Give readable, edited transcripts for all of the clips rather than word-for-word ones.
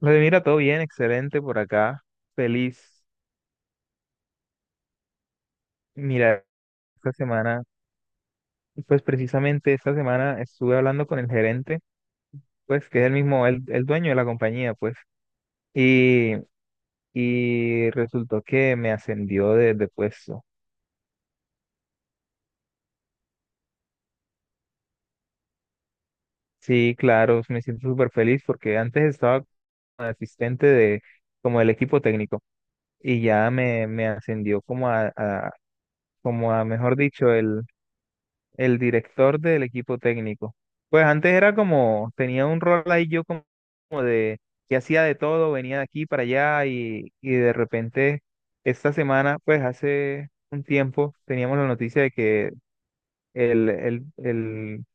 Vale, mira, todo bien, excelente por acá. Feliz. Mira, esta semana, pues precisamente esta semana estuve hablando con el gerente, pues que es el mismo, el dueño de la compañía, pues, y, y resultó que me ascendió de puesto. Sí, claro, me siento súper feliz porque antes estaba como asistente de, como del equipo técnico, y ya me ascendió como como a, mejor dicho, el director del equipo técnico. Pues antes era como, tenía un rol ahí yo como de que hacía de todo, venía de aquí para allá, y de repente esta semana, pues hace un tiempo, teníamos la noticia de que el, el, el,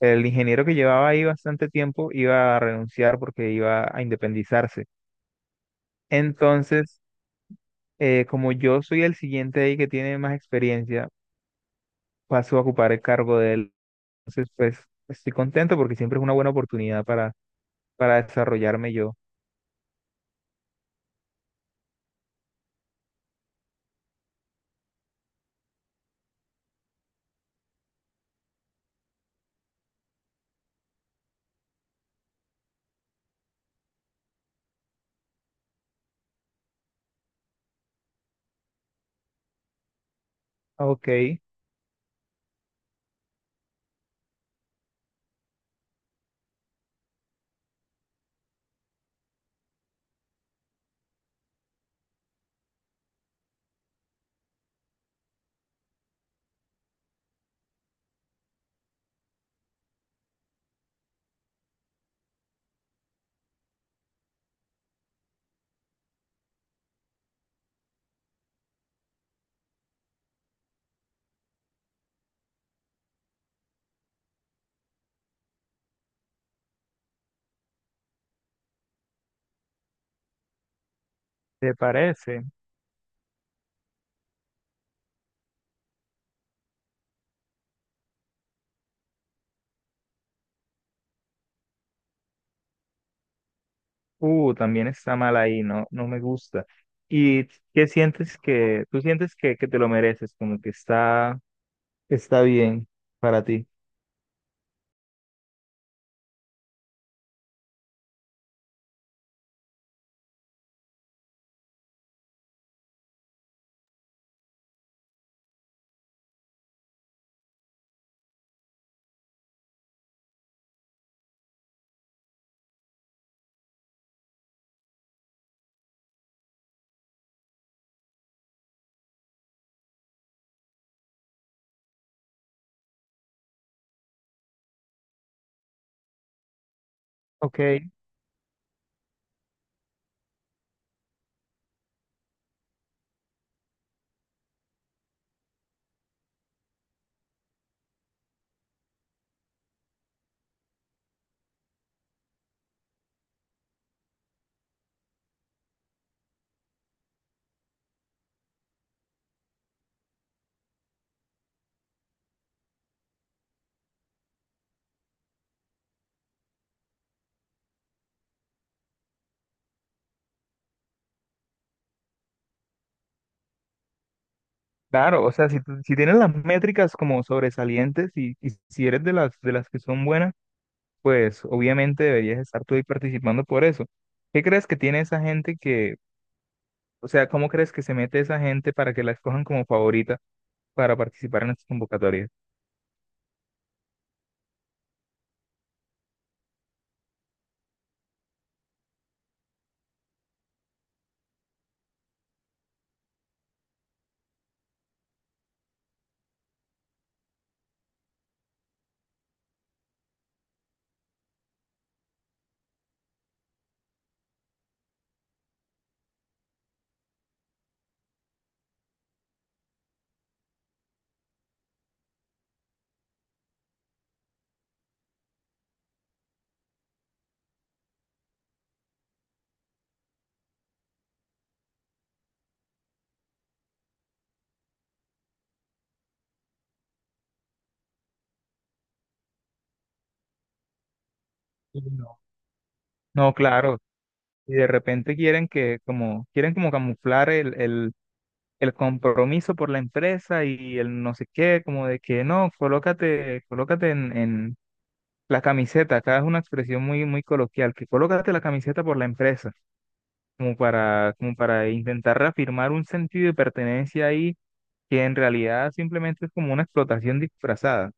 el ingeniero que llevaba ahí bastante tiempo iba a renunciar porque iba a independizarse. Entonces, como yo soy el siguiente ahí que tiene más experiencia, paso a ocupar el cargo de él. Entonces, pues estoy contento porque siempre es una buena oportunidad para desarrollarme yo. Ok. ¿Te parece? También está mal ahí, no, no me gusta. ¿Y qué sientes que, tú sientes que te lo mereces, como que está, está bien para ti? Ok, claro, o sea, si, si tienes las métricas como sobresalientes, y si eres de las que son buenas, pues obviamente deberías estar tú ahí participando por eso. ¿Qué crees que tiene esa gente que O sea, ¿cómo crees que se mete esa gente para que la escojan como favorita para participar en estas convocatorias? Y no. No, claro. Y de repente quieren que, como quieren como camuflar el compromiso por la empresa y el no sé qué, como de que no, colócate, colócate en la camiseta, acá es una expresión muy, muy coloquial, que colócate la camiseta por la empresa, como para, como para intentar reafirmar un sentido de pertenencia ahí, que en realidad simplemente es como una explotación disfrazada.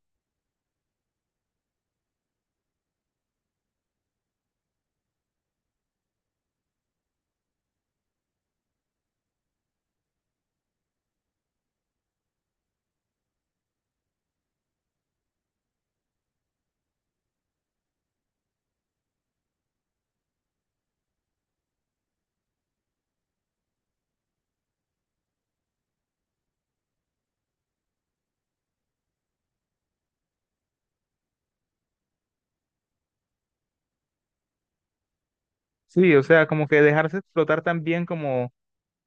Sí, o sea, como que dejarse explotar también, como,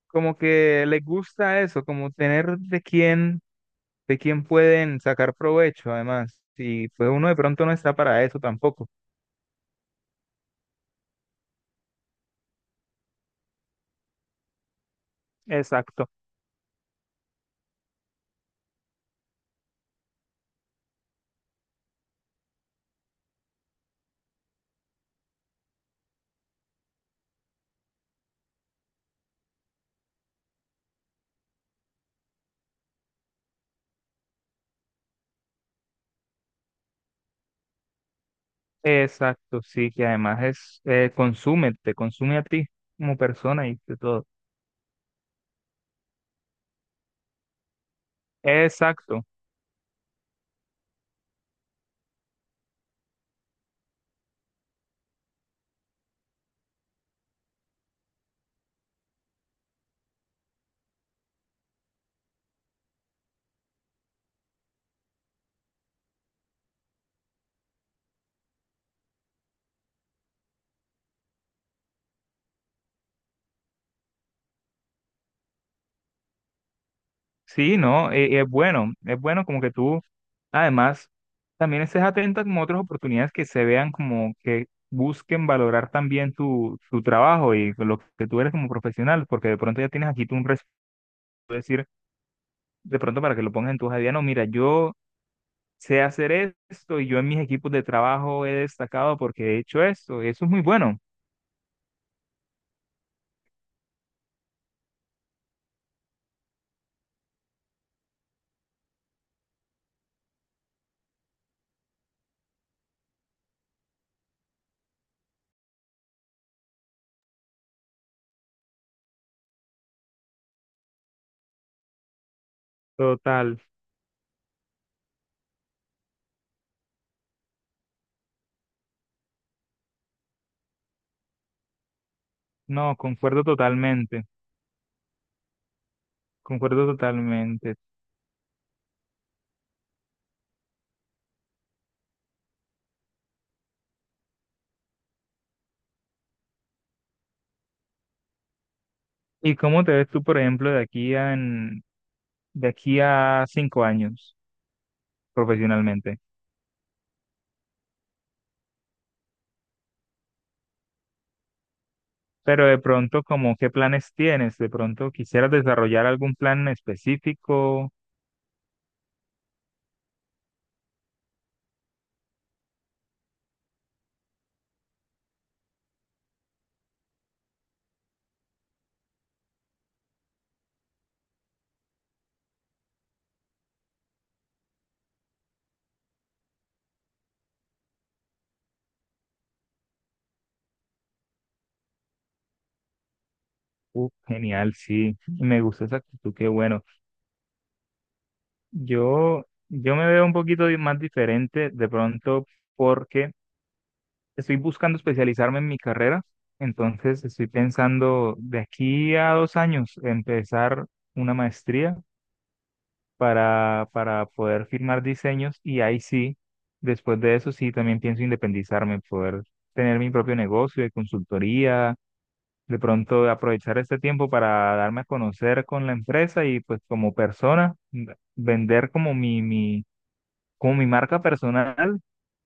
como que les gusta eso, como tener de quién pueden sacar provecho, además. Y pues uno de pronto no está para eso tampoco. Exacto, exacto, sí, que además es, consume, te consume a ti como persona y de todo. Exacto. Sí, no, es bueno como que tú, además, también estés atenta como a otras oportunidades que se vean, como que busquen valorar también tu trabajo y lo que tú eres como profesional, porque de pronto ya tienes aquí tú un resumen, decir, de pronto para que lo pongas en tu hoja de vida, no, mira, yo sé hacer esto y yo en mis equipos de trabajo he destacado porque he hecho esto, y eso es muy bueno. Total, no, concuerdo totalmente, concuerdo totalmente. ¿Y cómo te ves tú, por ejemplo, de aquí a 5 años profesionalmente? Pero de pronto, como qué planes tienes? De pronto quisieras desarrollar algún plan en específico. Genial, sí. Me gusta esa actitud, qué bueno. Yo me veo un poquito más diferente de pronto, porque estoy buscando especializarme en mi carrera. Entonces estoy pensando de aquí a 2 años empezar una maestría para poder firmar diseños, y ahí sí, después de eso sí también pienso independizarme, poder tener mi propio negocio de consultoría, de pronto aprovechar este tiempo para darme a conocer con la empresa y pues como persona, vender como mi, como mi marca personal,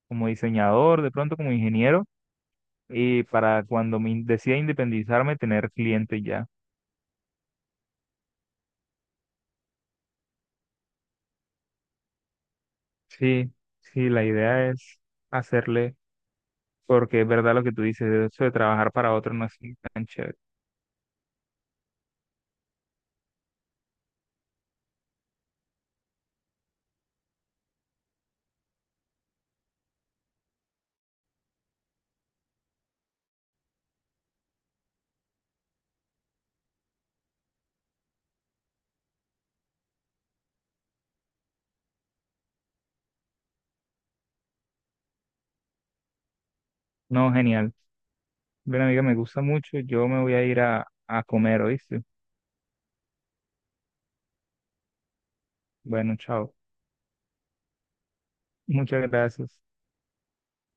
como diseñador, de pronto como ingeniero, y para cuando me decida independizarme tener cliente ya. Sí, sí, la idea es hacerle. Porque es verdad lo que tú dices, eso de trabajar para otro no es tan chévere. No, genial. Bueno, amiga, me gusta mucho. Yo me voy a ir a comer, ¿oíste? Bueno, chao. Muchas gracias.